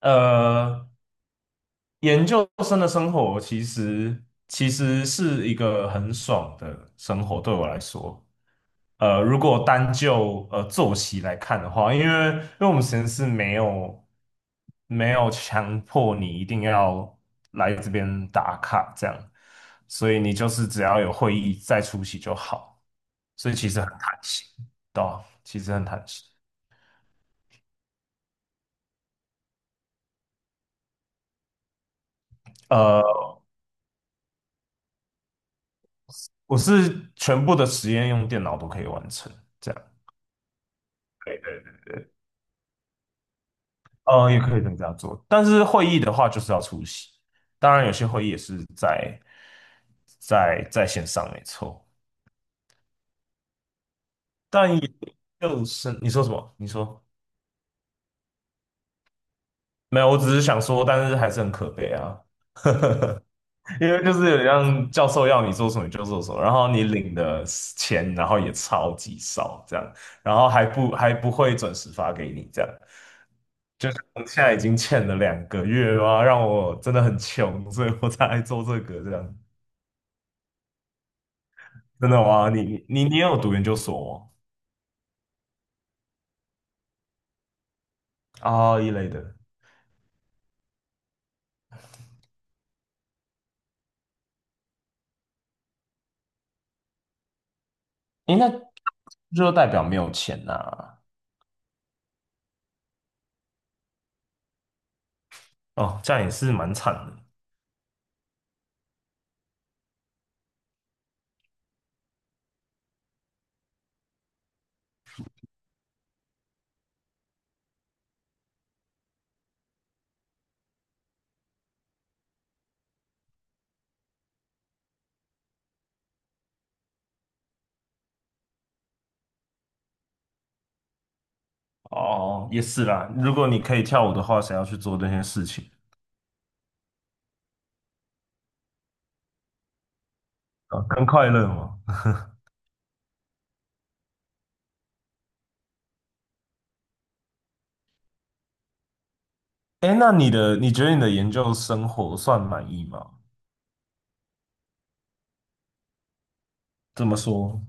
呃，研究生的生活其实是一个很爽的生活，对我来说。如果单就作息来看的话，因为我们实验室没有强迫你一定要来这边打卡这样，所以你就是只要有会议再出席就好，所以其实很弹性，对啊，其实很弹性。呃，我是全部的实验用电脑都可以完成。这样。也可以这样做，但是会议的话就是要出席。当然，有些会议也是在线上，没错。但也就是你说什么？你说没有？我只是想说，但是还是很可悲啊。因为就是有点像教授要你做什么你就做什么，然后你领的钱，然后也超级少，这样，然后还不会准时发给你，这样。就是我现在已经欠了2个月啊，让我真的很穷，所以我才来做这个这样。真的吗？你有读研究所吗？啊一类的，诶，那就代表没有钱呐、哦，这样也是蛮惨的。哦，也是啦。如果你可以跳舞的话，想要去做这些事情啊？更快乐嘛。哎，那你的，你觉得你的研究生活算满意吗？这么说，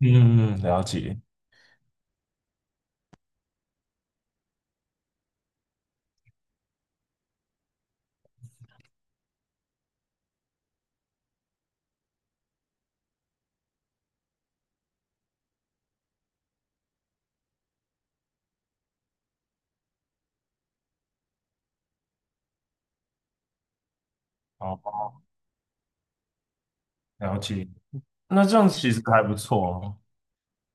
嗯，嗯了解，好，了解。那这样其实还不错哦，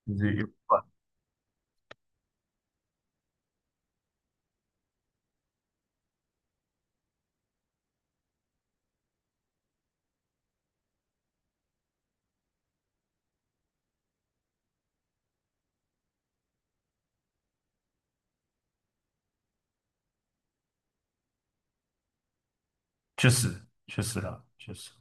就是有，确实，确实啦，确实。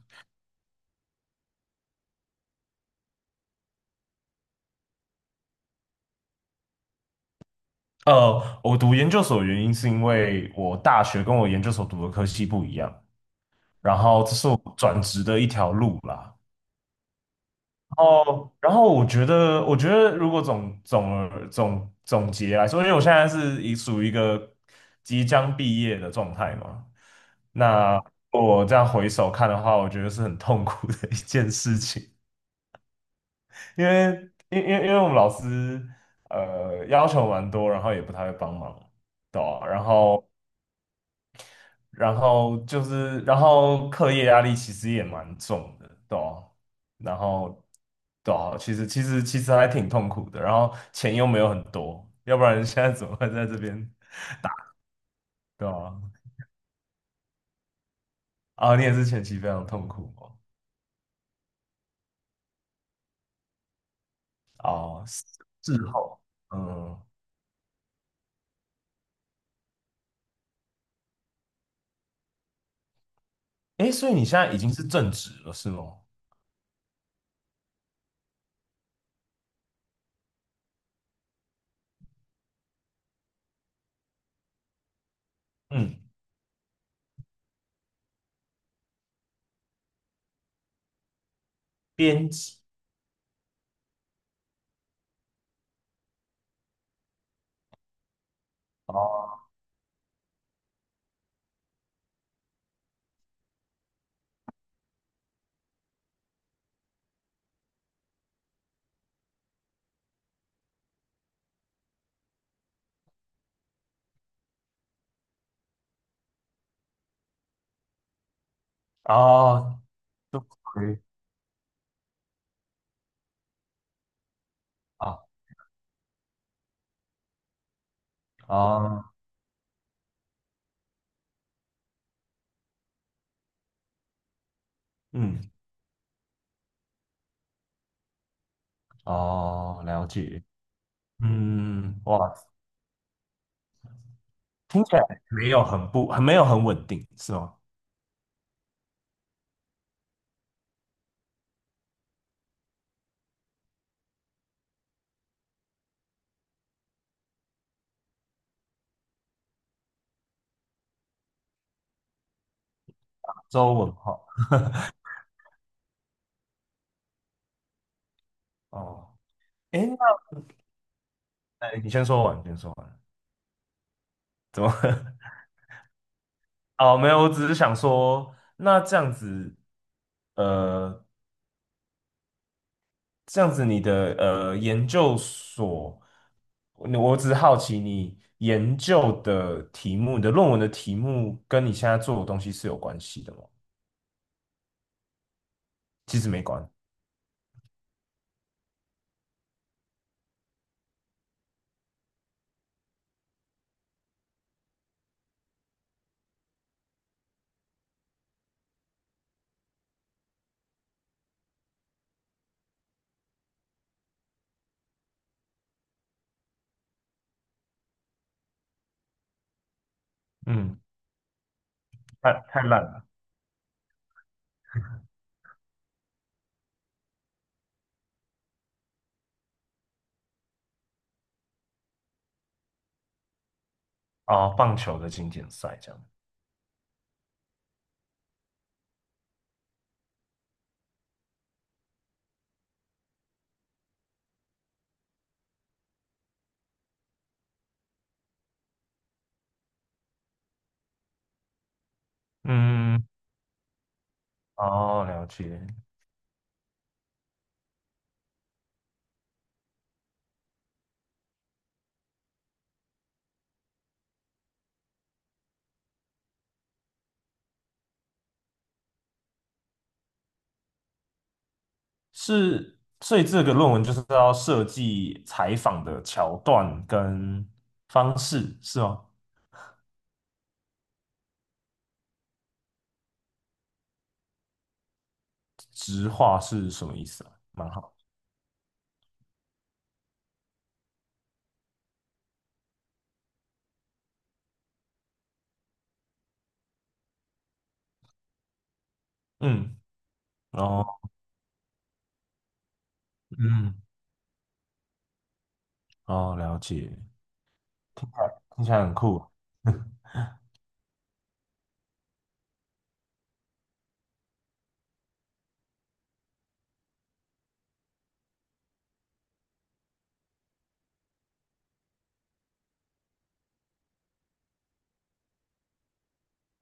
我读研究所的原因是因为我大学跟我研究所读的科系不一样，然后这是我转职的一条路啦。哦，然后我觉得，我觉得如果总总而总总结来说，因为我现在是已属于一个即将毕业的状态嘛，那我这样回首看的话，我觉得是很痛苦的一件事情，因为因为我们老师要求蛮多，然后也不太会帮忙。对啊然后就是，然后课业压力其实也蛮重的，对啊然后，对啊，其实还挺痛苦的，然后钱又没有很多，要不然现在怎么会在这边？对啊，啊，你也是前期非常痛苦哦，哦，事后，嗯，诶，所以你现在已经是正职了，是吗？嗯，编辑，哦，哦，就可以，啊，哦，嗯，哦，了解，嗯，哇。听起来没有很稳定，是吗？周文浩，哦，诶，那哎，你先说完，你先说完。哦，没有，我只是想说，那这样子，呃，这样子你的研究所，我只是好奇，你研究的题目，你的论文的题目跟你现在做的东西是有关系的吗？其实没关，嗯，太烂了。哦，棒球的经典赛这样，嗯，哦，了解。是，所以这个论文就是要设计采访的桥段跟方式，是吗？直话是什么意思啊？蛮好，嗯，然后嗯，哦，了解，听起来很酷啊，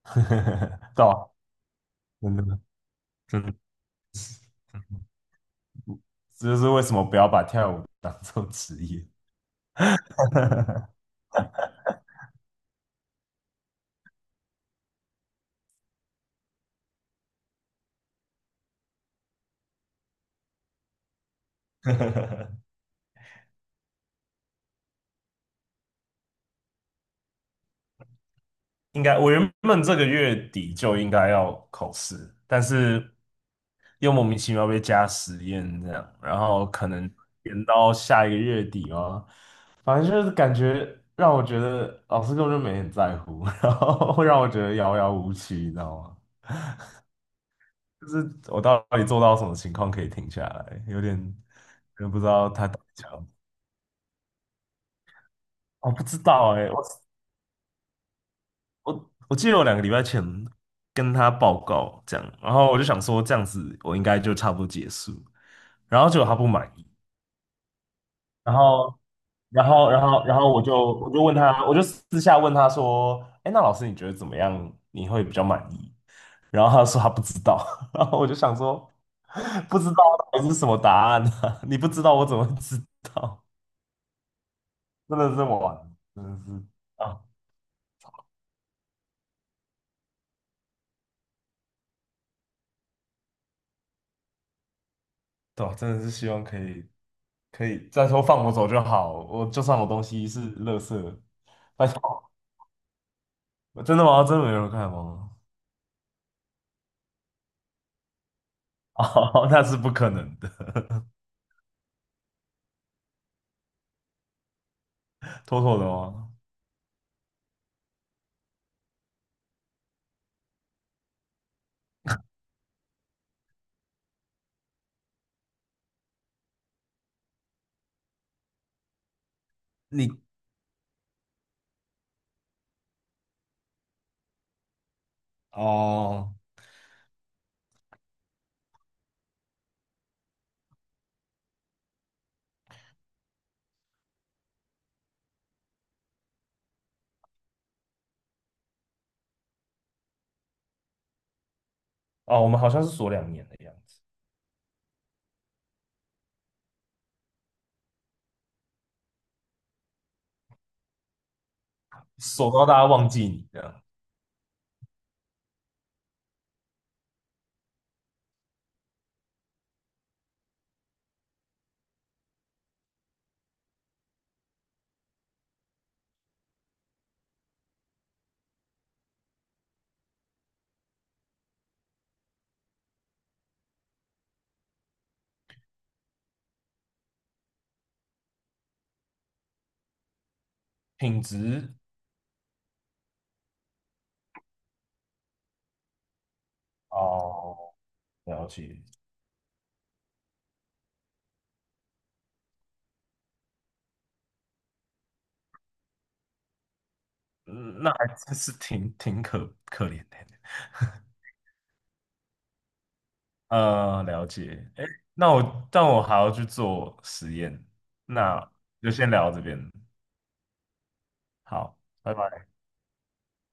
对啊真的真的，这就是为什么不要把跳舞当做职业。应该我原本这个月底就应该要考试，但是又莫名其妙被加实验这样，然后可能延到下一个月底哦。反正就是感觉让我觉得老师根本就没很在乎，然后会让我觉得遥遥无期，你知道吗？就是我到底做到什么情况可以停下来，有点不知道他到底想要。我不知道哎、我记得我2个礼拜前跟他报告这样，然后我就想说这样子我应该就差不多结束，然后结果他不满意，然后我就问他，我就私下问他说，哎，那老师你觉得怎么样？你会比较满意？然后他说他不知道，然后我就想说不知道到底是什么答案呢？你不知道我怎么会知道？真的是完，真的是啊，对啊真的是希望可以，再说放我走就好，我就算我东西是垃圾，拜托，真的吗？真的没人看吗？哦，那是不可能的，妥妥的吗？你哦哦，我们好像是锁2年的样子，锁到大家忘记你这样，品质哦，了解，嗯那还真是挺可怜的，了解，哎，但我还要去做实验，那就先聊到这边，好，拜拜。